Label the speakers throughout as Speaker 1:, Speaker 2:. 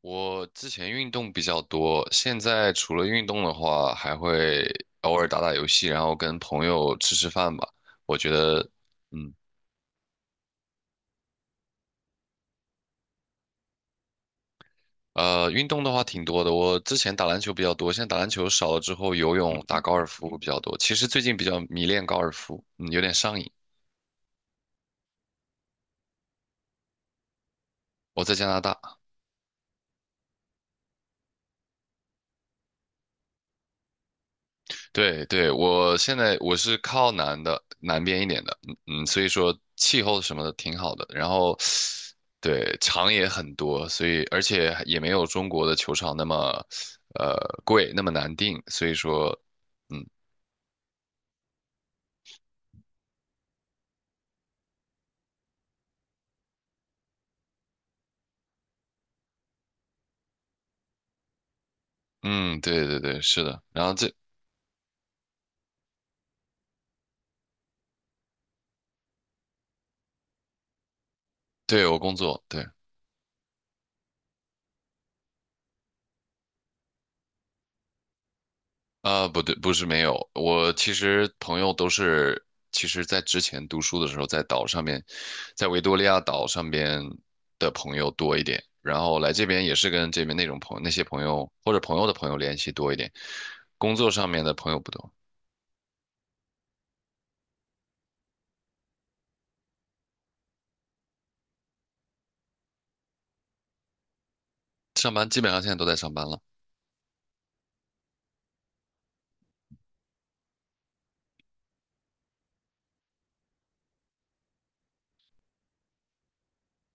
Speaker 1: 我之前运动比较多，现在除了运动的话，还会偶尔打打游戏，然后跟朋友吃吃饭吧。我觉得，嗯，运动的话挺多的。我之前打篮球比较多，现在打篮球少了之后，游泳、打高尔夫比较多。其实最近比较迷恋高尔夫，嗯，有点上瘾。我在加拿大。对对，我现在我是靠南的，南边一点的，嗯嗯，所以说气候什么的挺好的，然后对场也很多，所以而且也没有中国的球场那么呃贵，那么难订，所以说嗯嗯，对对对，是的，然后这对我工作对。啊，不对，不是没有，我其实朋友都是，其实在之前读书的时候，在岛上面，在维多利亚岛上边的朋友多一点，然后来这边也是跟这边那些朋友或者朋友的朋友联系多一点，工作上面的朋友不多，上班基本上现在都在上班了。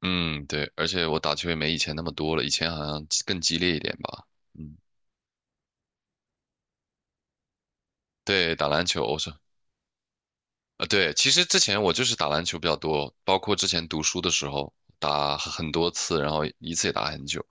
Speaker 1: 嗯，对，而且我打球也没以前那么多了，以前好像更激烈一点吧。嗯，对，打篮球，我说啊，对，其实之前我就是打篮球比较多，包括之前读书的时候打很多次，然后一次也打很久，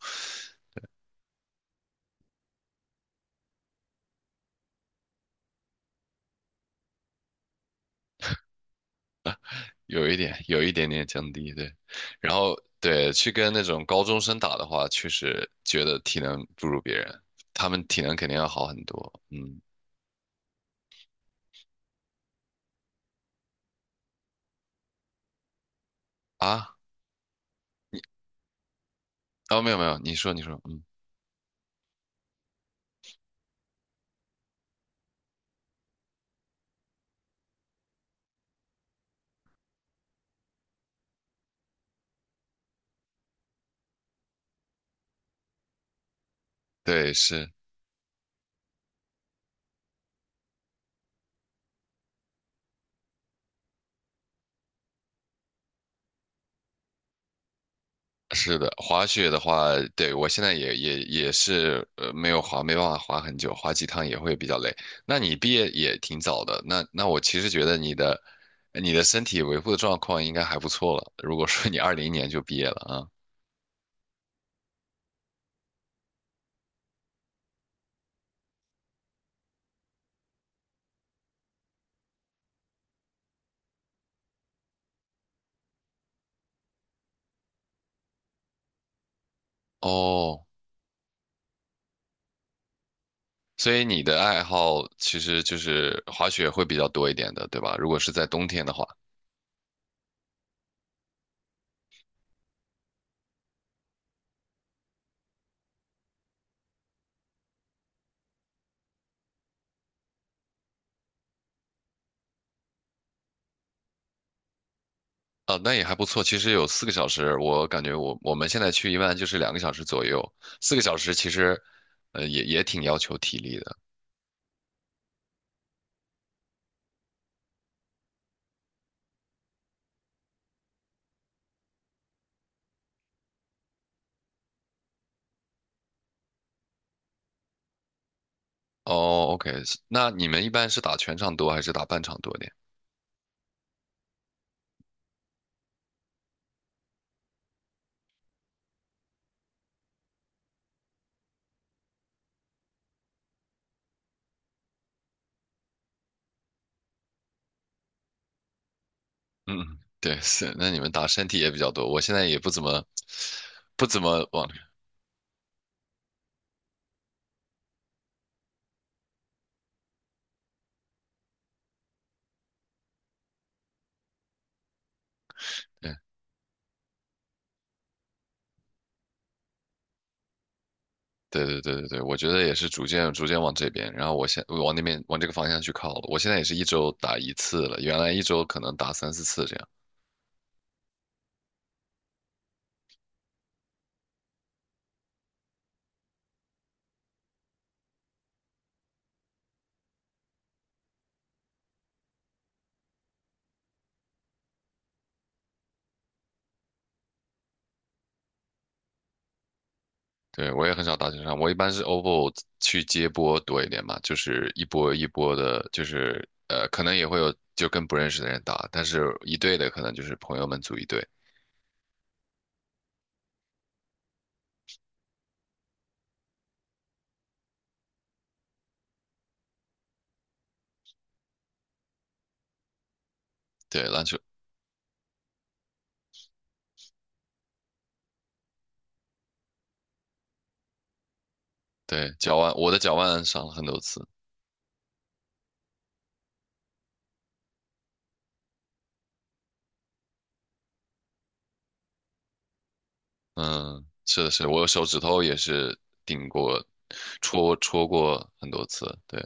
Speaker 1: 有一点点降低，对。然后对，去跟那种高中生打的话，确实觉得体能不如别人，他们体能肯定要好很多。嗯啊，哦，没有没有，你说你说，嗯，对，是。是的，滑雪的话，对，我现在也是没有滑，没办法滑很久，滑几趟也会比较累。那你毕业也挺早的，那我其实觉得你的身体维护的状况应该还不错了。如果说你二零年就毕业了啊，哦，所以你的爱好其实就是滑雪会比较多一点的，对吧？如果是在冬天的话，啊，那也还不错。其实有四个小时，我感觉我们现在去一般就是两个小时左右，四个小时其实。也也挺要求体力的。哦，OK,是那你们一般是打全场多还是打半场多点？嗯，对，是，那你们打身体也比较多。我现在也不怎么，不怎么往，对，对对对对对，我觉得也是逐渐逐渐往这边，然后我现往那边往这个方向去靠了。我现在也是一周打一次了，原来一周可能打三四次这样。对，我也很少打全场，我一般是 OVO 去接波多一点嘛，就是一波一波的，可能也会有就跟不认识的人打，但是一队的可能就是朋友们组一队。对，篮球。对，脚腕，我的脚腕伤了很多次。嗯，是的，是的，我手指头也是顶过、戳过很多次。对，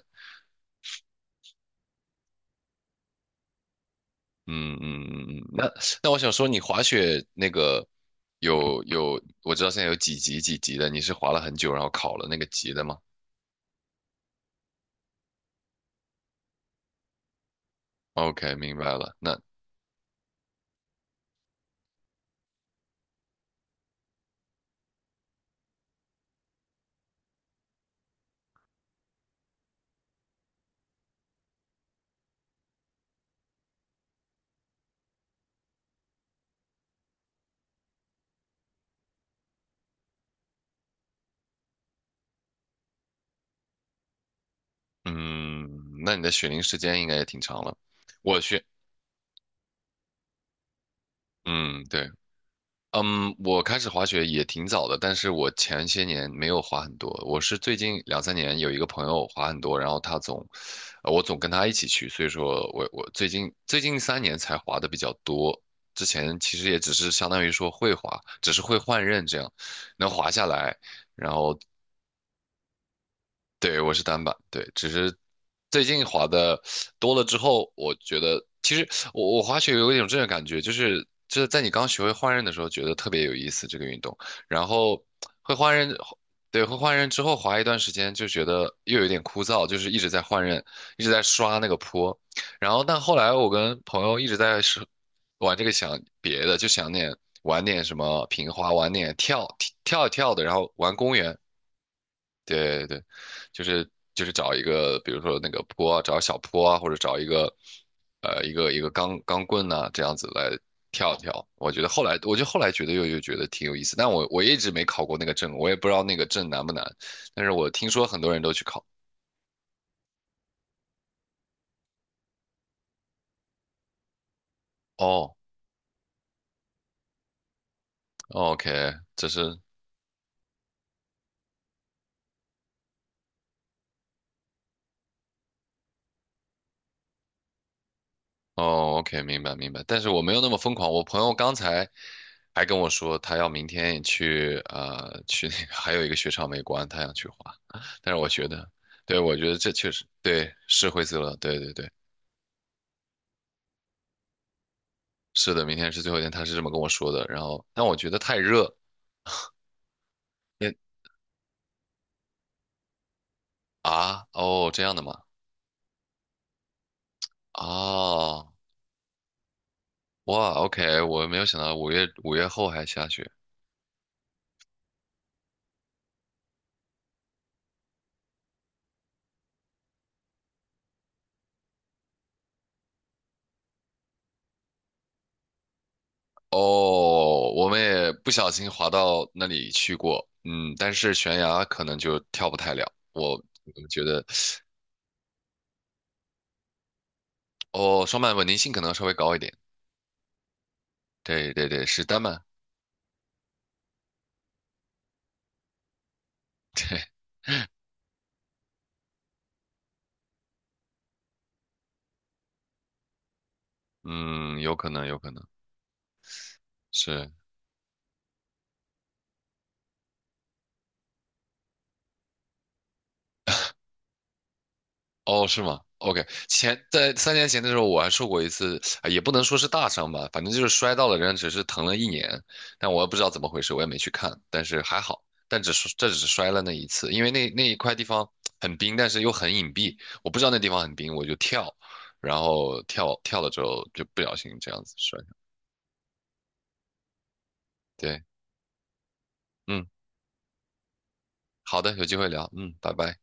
Speaker 1: 嗯嗯嗯嗯。那我想说，你滑雪那个有有，我知道现在有几级几级的，你是滑了很久，然后考了那个级的吗？OK,明白了。那嗯，那你的雪龄时间应该也挺长了。我学，嗯，对。嗯，我开始滑雪也挺早的，但是我前些年没有滑很多。我是最近两三年有一个朋友滑很多，然后他总，我总跟他一起去，所以说我最近最近三年才滑的比较多。之前其实也只是相当于说会滑，只是会换刃这样，能滑下来，然后对，我是单板，对，只是最近滑的多了之后，我觉得其实我滑雪有一种这种感觉，就是就是在你刚学会换刃的时候，觉得特别有意思这个运动，然后会换刃，对，会换刃之后滑一段时间就觉得又有点枯燥，就是一直在换刃，一直在刷那个坡，然后但后来我跟朋友一直在是玩这个想别的，就想点玩点什么平滑，玩点跳跳一跳的，然后玩公园。对对对，就是就是找一个，比如说那个坡啊，找小坡啊，或者找一个，一个钢棍呐、这样子来跳一跳。我觉得后来，我就后来觉得又觉得挺有意思，但我一直没考过那个证，我也不知道那个证难不难，但是我听说很多人都去考。哦，OK,这是哦，OK,明白明白，但是我没有那么疯狂。我朋友刚才还跟我说，他要明天去去那个 还有一个雪场没关，他想去滑。但是我觉得，对，我觉得这确实对是灰色了，对对对，是的，明天是最后一天，他是这么跟我说的。然后，但我觉得太热，那啊哦这样的吗？哦哇，OK,我没有想到五月后还下雪，哦，我们也不小心滑到那里去过，嗯，但是悬崖可能就跳不太了。我我觉得，哦，双板稳定性可能稍微高一点。对对对，是单板，对，嗯，有可能，有可能是。哦，是吗？OK,前在三年前的时候，我还受过一次，啊也不能说是大伤吧，反正就是摔到了，人家只是疼了一年，但我也不知道怎么回事，我也没去看，但是还好，但只是这只是摔了那一次，因为那一块地方很冰，但是又很隐蔽，我不知道那地方很冰，我就跳，然后跳了之后就不小心这样子摔上对，嗯，好的，有机会聊，嗯，拜拜。